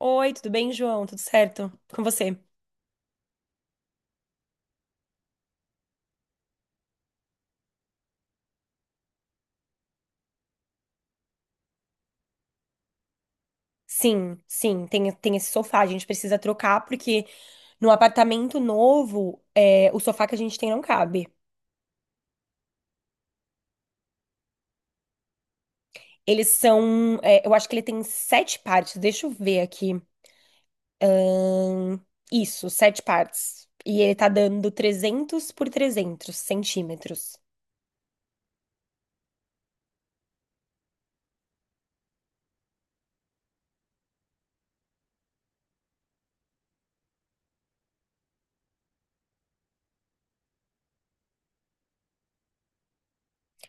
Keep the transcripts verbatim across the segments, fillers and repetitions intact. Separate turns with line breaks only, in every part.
Oi, tudo bem, João? Tudo certo? Com você? Sim, sim, tem, tem esse sofá, a gente precisa trocar, porque no apartamento novo, é, o sofá que a gente tem não cabe. Eles são, é, eu acho que ele tem sete partes, deixa eu ver aqui. Hum, isso, sete partes. E ele tá dando trezentos por trezentos centímetros.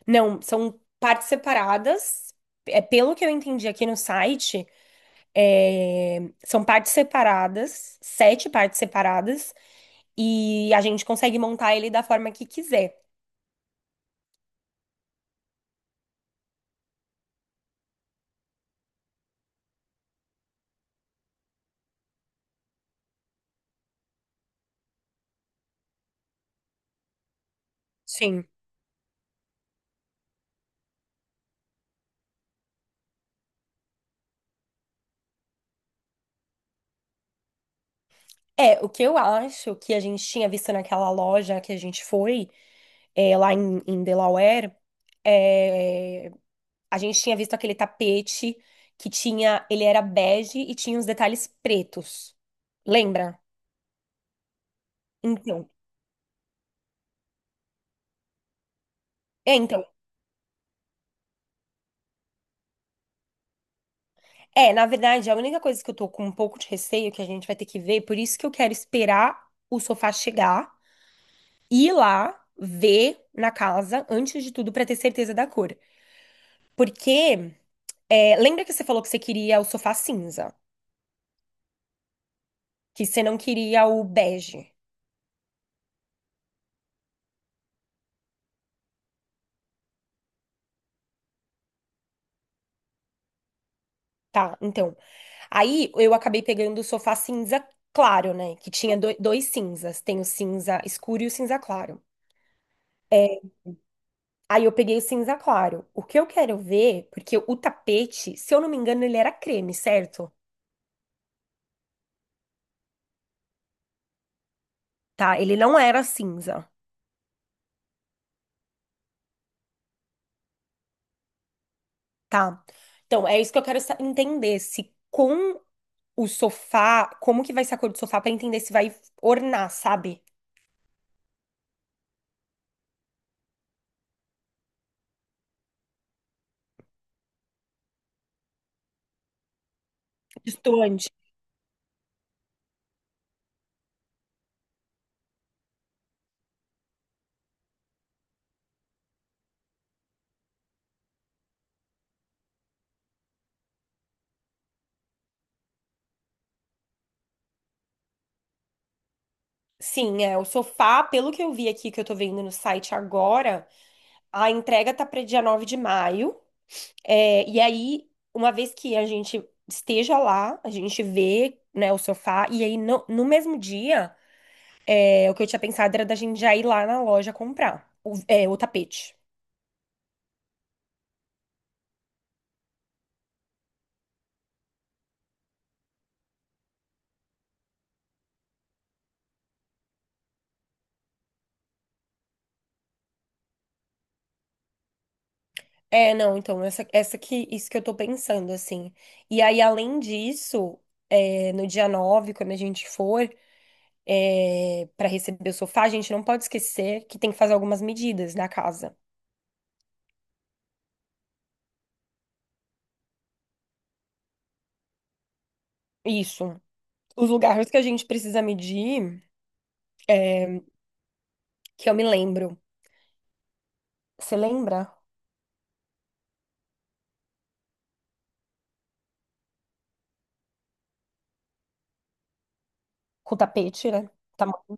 Não, são partes separadas. É, pelo que eu entendi aqui no site, é, são partes separadas, sete partes separadas. E a gente consegue montar ele da forma que quiser. Sim. É, o que eu acho que a gente tinha visto naquela loja que a gente foi, é, lá em, em Delaware, é, a gente tinha visto aquele tapete que tinha, ele era bege e tinha os detalhes pretos. Lembra? Então, é, então, é, na verdade, a única coisa que eu tô com um pouco de receio que a gente vai ter que ver, por isso que eu quero esperar o sofá chegar ir lá ver na casa, antes de tudo, pra ter certeza da cor. Porque, é, lembra que você falou que você queria o sofá cinza, que você não queria o bege, tá? Então, aí eu acabei pegando o sofá cinza claro, né? Que tinha do- dois cinzas, tem o cinza escuro e o cinza claro. Aí eu peguei o cinza claro. O que eu quero ver, porque o tapete, se eu não me engano, ele era creme, certo? Tá? Ele não era cinza. Tá. Então, é isso que eu quero sa- entender, se com o sofá, como que vai ser a cor do sofá pra entender se vai ornar, sabe? Distoante. Sim, é, o sofá, pelo que eu vi aqui, que eu tô vendo no site agora, a entrega tá para dia nove de maio. É, e aí, uma vez que a gente esteja lá, a gente vê, né, o sofá, e aí no, no mesmo dia, é, o que eu tinha pensado era da gente já ir lá na loja comprar o, é, o tapete. É, não, então, essa, essa que, isso que eu tô pensando, assim. E aí, além disso, é, no dia nove quando a gente for, é, para receber o sofá, a gente não pode esquecer que tem que fazer algumas medidas na casa. Isso. Os lugares que a gente precisa medir, que eu me lembro. Você lembra? Com o tapete, né? Tá bom.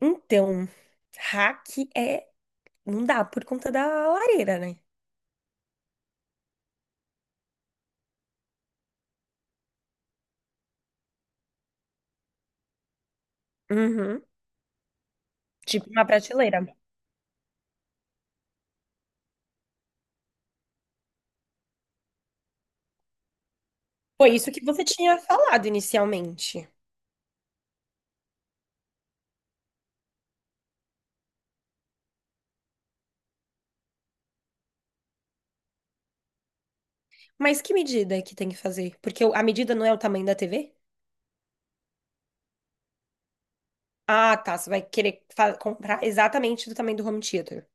Então, rack é. Não dá por conta da lareira, né? Uhum. Tipo uma prateleira. Foi isso que você tinha falado inicialmente. Mas que medida é que tem que fazer? Porque o- a medida não é o tamanho da T V? Ah, tá. Você vai querer fa- comprar exatamente do tamanho do home theater.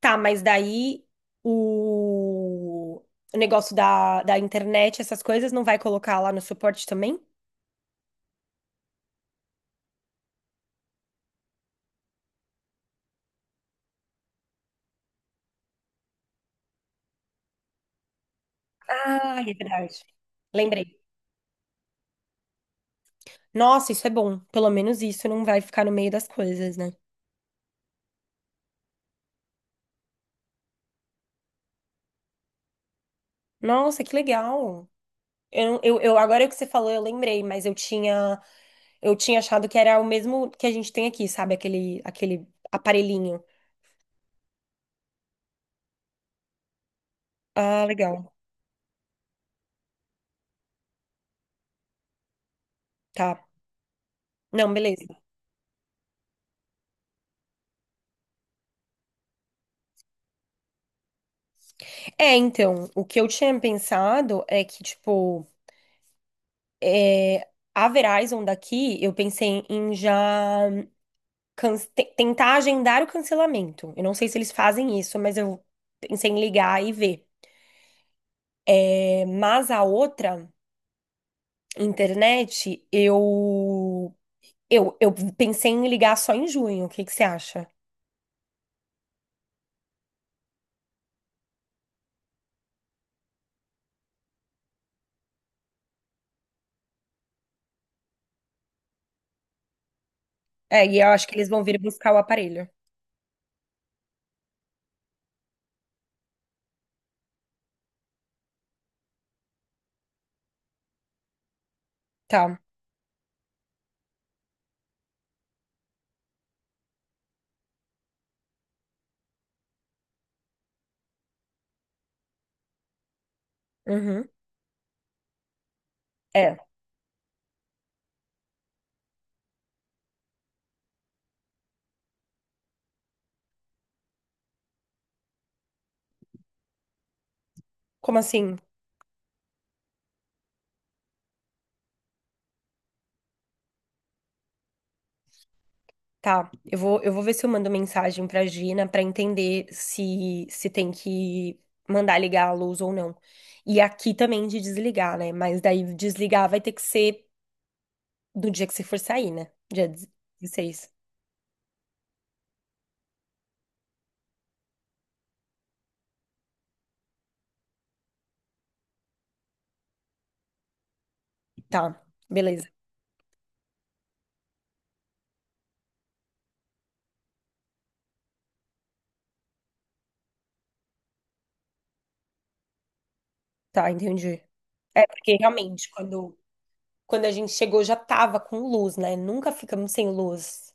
Tá, mas daí o, o negócio da, da internet, essas coisas, não vai colocar lá no suporte também? Ah, é verdade. Lembrei. Nossa, isso é bom. Pelo menos isso não vai ficar no meio das coisas, né? Nossa, que legal. Eu, não- eu, eu- agora que você falou, eu lembrei, mas eu tinha. Eu tinha achado que era o mesmo que a gente tem aqui, sabe? Aquele, aquele aparelhinho. Ah, legal. Tá. Não, beleza. É, então, o que eu tinha pensado é que, tipo, é, a Verizon daqui, eu pensei em já can- te- tentar agendar o cancelamento. Eu não sei se eles fazem isso, mas eu pensei em ligar e ver. É, mas a outra internet, eu, eu, eu pensei em ligar só em junho. O que que você acha? É, e eu acho que eles vão vir buscar o aparelho. Tá. Uhum. É. Como assim? Tá. Eu vou, eu vou ver se eu mando mensagem pra Gina pra entender se, se tem que mandar ligar a luz ou não. E aqui também de desligar, né? Mas daí desligar vai ter que ser do dia que você for sair, né? Dia dezesseis. Tá. Beleza. Tá, entendi. É, porque realmente, quando, quando a gente chegou já tava com luz, né? Nunca ficamos sem luz.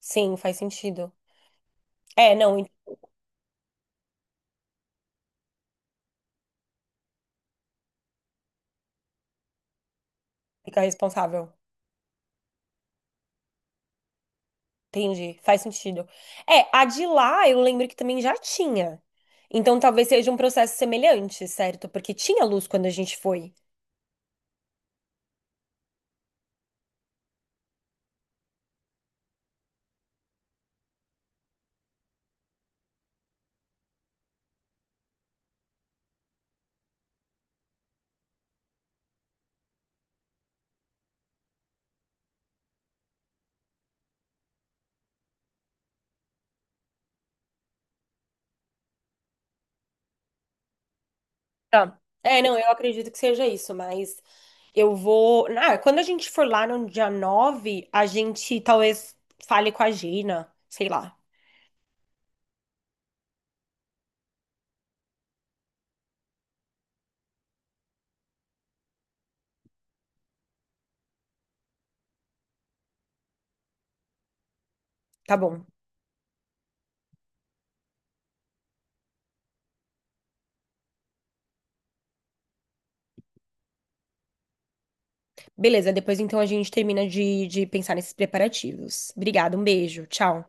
Sim, faz sentido. É, não, então fica responsável. Entendi, faz sentido. É, a de lá eu lembro que também já tinha. Então talvez seja um processo semelhante, certo? Porque tinha luz quando a gente foi. Tá. É, não, eu acredito que seja isso, mas eu vou. Ah, quando a gente for lá no dia nove, a gente talvez fale com a Gina, sei lá. Tá bom. Beleza, depois então a gente termina de, de pensar nesses preparativos. Obrigada, um beijo, tchau.